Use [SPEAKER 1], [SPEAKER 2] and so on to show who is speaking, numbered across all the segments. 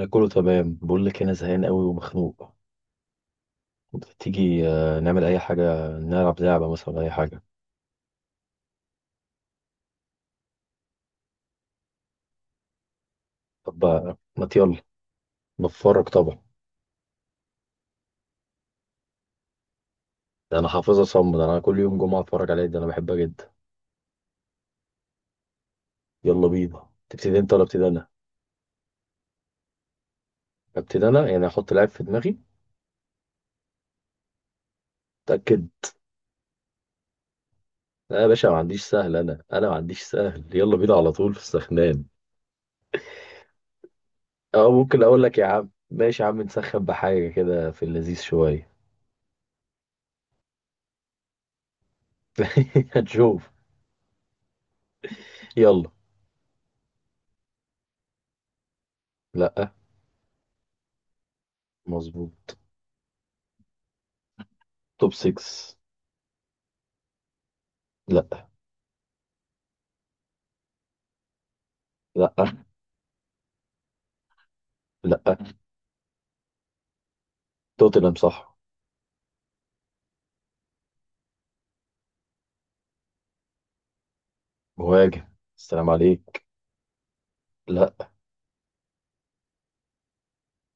[SPEAKER 1] انا كله تمام. بقول لك انا زهقان قوي ومخنوق. تيجي نعمل اي حاجه، نلعب لعبه مثلا اي حاجه. طب آه، ما ت- يلا. بتفرج طبعا. ده انا حافظها صم، ده انا كل يوم جمعه اتفرج عليها، ده انا بحبها جدا. يلا بينا. تبتدي انت ولا ابتدي انا؟ ابتدي انا يعني، احط لعب في دماغي. اتاكد. لا يا باشا، ما عنديش سهل، انا ما عنديش سهل. يلا بينا على طول في السخنان. او ممكن اقول لك يا عم ماشي يا عم، نسخن بحاجه كده في اللذيذ شويه. هنشوف. يلا. لا. مظبوط. توب 6. لا لا لا. توتنهام صح. مهاجم. السلام عليك. لا.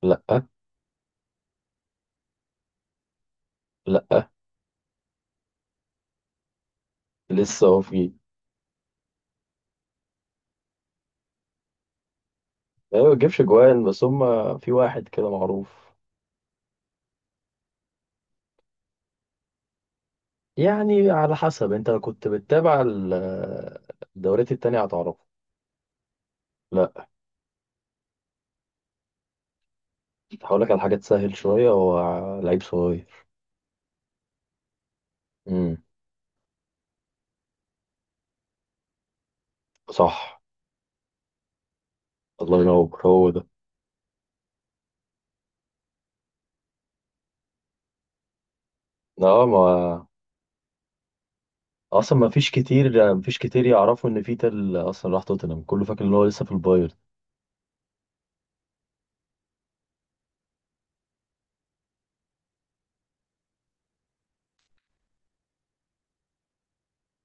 [SPEAKER 1] لا. لا. لسه هو في. ايوه ما بيجيبش جوان، بس هم في واحد كده معروف. يعني على حسب، انت لو كنت بتتابع الدوريات التانية هتعرفه. لا. هقول لك على حاجة تسهل شوية، هو لعيب صغير. امم. صح. الله ينور، هو ده. لا، ما. اصلا ما فيش كتير يعرفوا ان فيتا اصلا راح توتنهام، كله فاكر ان هو لسه في البايرن.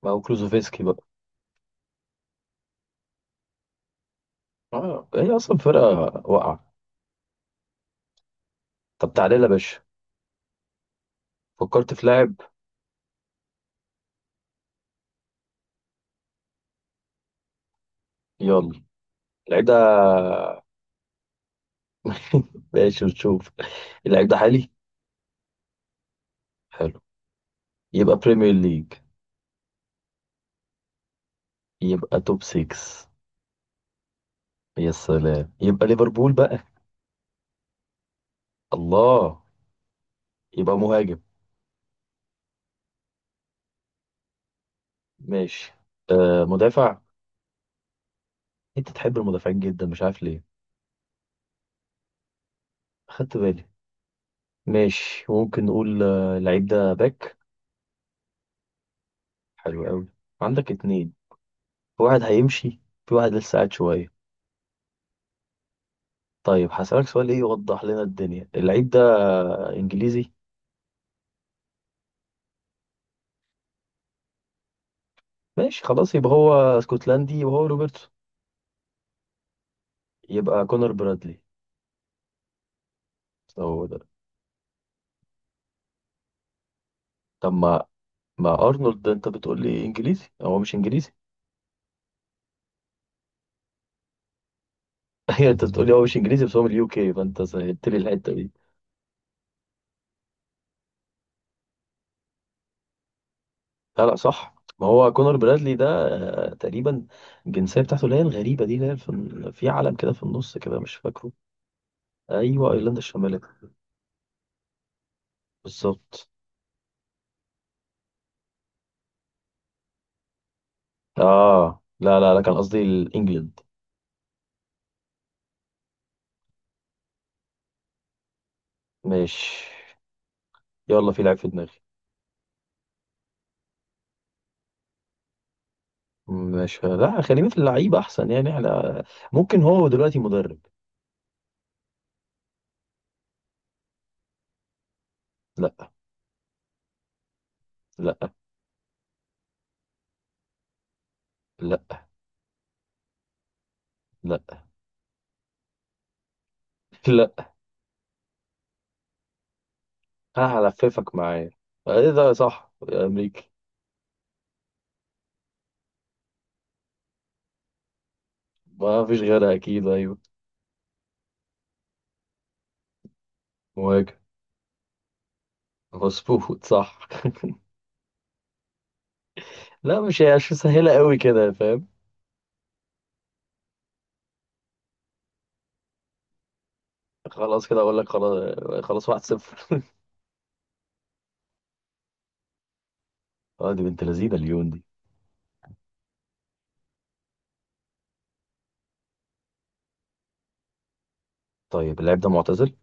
[SPEAKER 1] ما هو كلوزوفسكي بقى. اه، هي اصلا فرقه واقعه. طب تعالى يا باشا، فكرت في لاعب. يلا. اللعيب ده. ماشي ونشوف. اللعيب ده حالي. حلو. يبقى بريمير ليج. يبقى توب 6. يا سلام، يبقى ليفربول بقى. الله. يبقى مهاجم. ماشي. آه مدافع. انت تحب المدافعين جدا، مش عارف ليه. خدت بالي. ماشي، ممكن نقول اللعيب ده باك. حلو قوي. عندك اتنين. في واحد هيمشي، في واحد لسه قاعد شويه. طيب هسألك سؤال ايه يوضح لنا الدنيا. اللعيب ده انجليزي؟ ماشي خلاص، يبقى هو اسكتلندي، وهو روبرتسون. يبقى كونر برادلي. هو ده. طب ما، ارنولد ده انت بتقول لي انجليزي، هو مش انجليزي. هي انت بتقول لي هو مش انجليزي، بس هو من اليو كي، فانت سهلت لي الحته دي. لا لا، صح. ما هو كونر برادلي ده تقريبا الجنسيه بتاعته اللي هي الغريبه دي، اللي هي في علم كده في النص كده، مش فاكره. ايوه، ايرلندا الشماليه. بالظبط. اه لا لا لا، كان قصدي الانجلند. ماشي، يلا، في لعيب في دماغي. مش، لا، خلينا في اللعيب احسن، يعني احنا ممكن هو دلوقتي مدرب. لا لا لا لا لا. هلففك معايا. ايه ده، صح يا امريكي؟ ما فيش غيرها اكيد. ايوه. مهاجم. مظبوط، صح. لا مش هي، مش سهله قوي كده، فاهم. خلاص كده اقول لك خلاص. خلاص، واحد صفر. اه، دي بنت لذينه اليون دي. طيب اللاعب ده معتزل.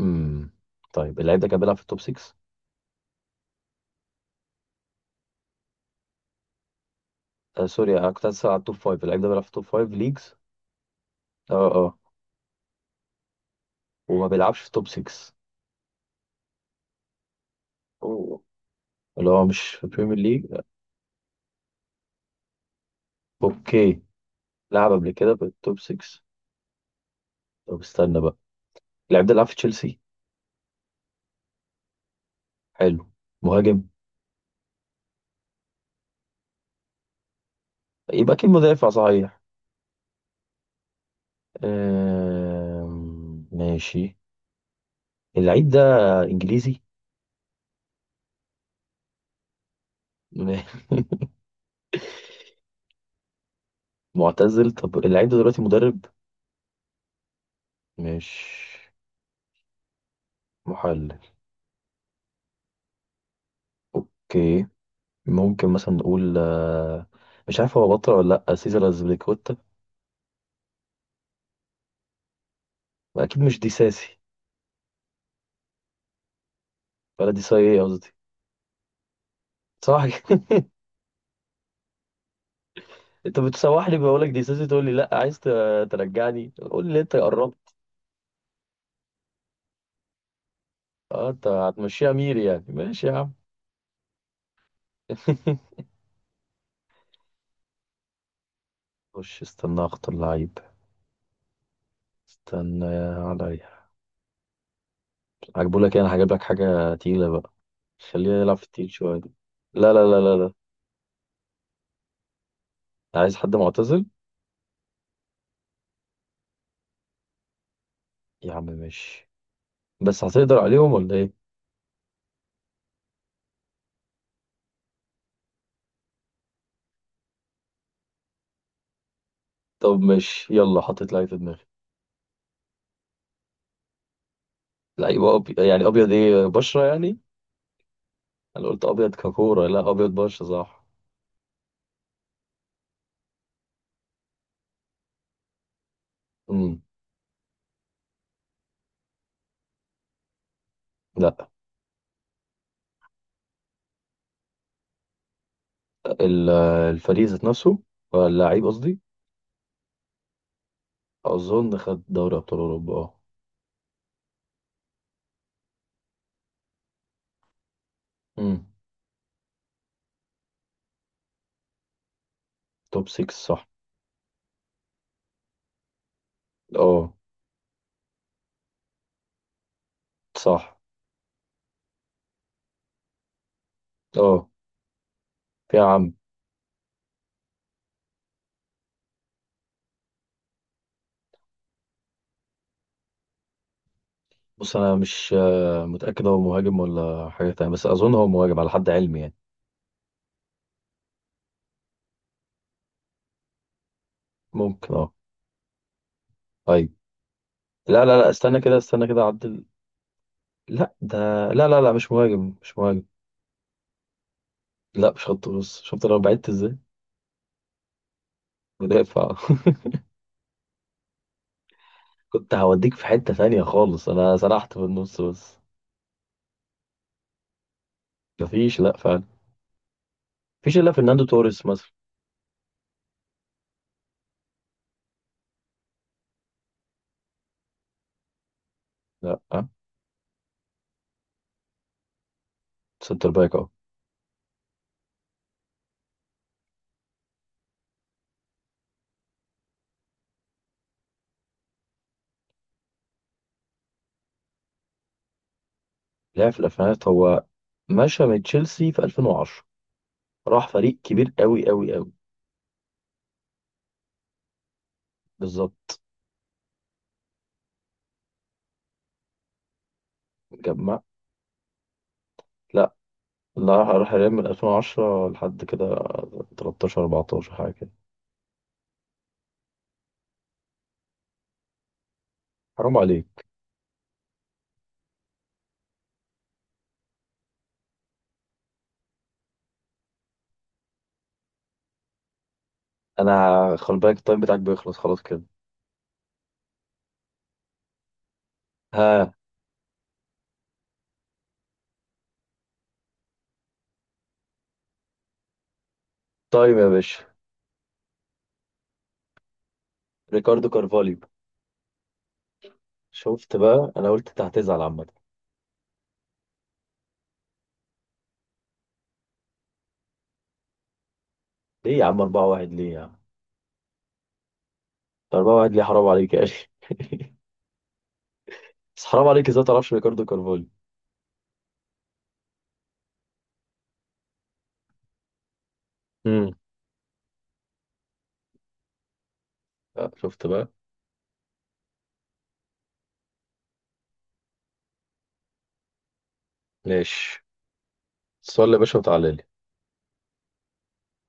[SPEAKER 1] امم. طيب اللاعب ده كان بيلعب في التوب 6؟ آه سوري، انا كنت هسأل على التوب 5. اللاعب ده بيلعب في التوب 5 ليجز. اه اه. وما بيلعبش في توب 6. أوه. اللي هو مش في بريمير ليج. اوكي. لعب قبل كده في التوب 6. طب استنى بقى. اللاعب ده لعب في تشيلسي. حلو. مهاجم. يبقى اكيد مدافع، صحيح. ماشي. اللعيب ده انجليزي. معتزل. طب اللعيب ده دلوقتي مدرب؟ مش. محلل. اوكي. ممكن مثلا نقول مش عارف هو بطل ولا لا، سيزر أزبيليكويتا. اكيد مش دي ساسي. ولا دي ساي، ايه قصدي، صح. انت بتسوح لي، بقول لك دي سيسي تقول لي لا، عايز ترجعني، قول لي انت قربت. اه، انت هتمشيها مير يعني، ماشي يا عم. خش استنى، اخطر لعيب. استنى عليا. عجبوا لك ايه؟ انا هجيب لك حاجه تقيله بقى، خلينا نلعب في التقيل شويه. لا لا لا لا لا. عايز حد معتزل. يا عم ماشي، بس هتقدر عليهم ولا ايه؟ طب ماشي، يلا، حطيت لعيب في دماغي. لعيب يعني ابيض ايه، بشره يعني؟ انا قلت ابيض ككوره، لا ابيض بشره؟ صح. امم. لا. ال- الفريق ذات نفسه، ولا اللعيب قصدي. اظن خد دوري ابطال اوروبا، اه. امم. توب 6، صح. اه. صح. اه يا عم. بص انا مش متاكد هو مهاجم ولا حاجه تانية، بس اظن هو مهاجم على حد علمي يعني. ممكن اه. ايوه. لا لا لا، استنى كده، استنى كده اعدل. لا ده. لا لا لا، مش مهاجم مش مهاجم. لا مش خط نص، شفت انا بعدت ازاي. مدافع. كنت هوديك في حتة تانية خالص، انا سرحت في النص بس. مفيش، لا فعلا. مفيش الا فرناندو توريس مثلا. لا. سنتر باك اهو. لعب في الالفينات هو. مشى من تشيلسي في 2010، راح فريق كبير قوي قوي قوي. بالظبط. جمع. لا لا، راح ريال من 2010 لحد كده 13 14 حاجه كده. حرام عليك. انا، خلي بالك التايم بتاعك بيخلص خلاص كده. ها. تايم يا باشا. ريكاردو كارفاليو. شفت بقى، انا قلت انت هتزعل عامه. ليه يا عم 4 1، ليه يا عم 4 1 ليه، حرام عليك يا اخي. بس حرام عليك، ازاي ما تعرفش ريكاردو كارفاليو؟ امم. شفت بقى. ماشي. تصلي يا باشا وتعالى لي.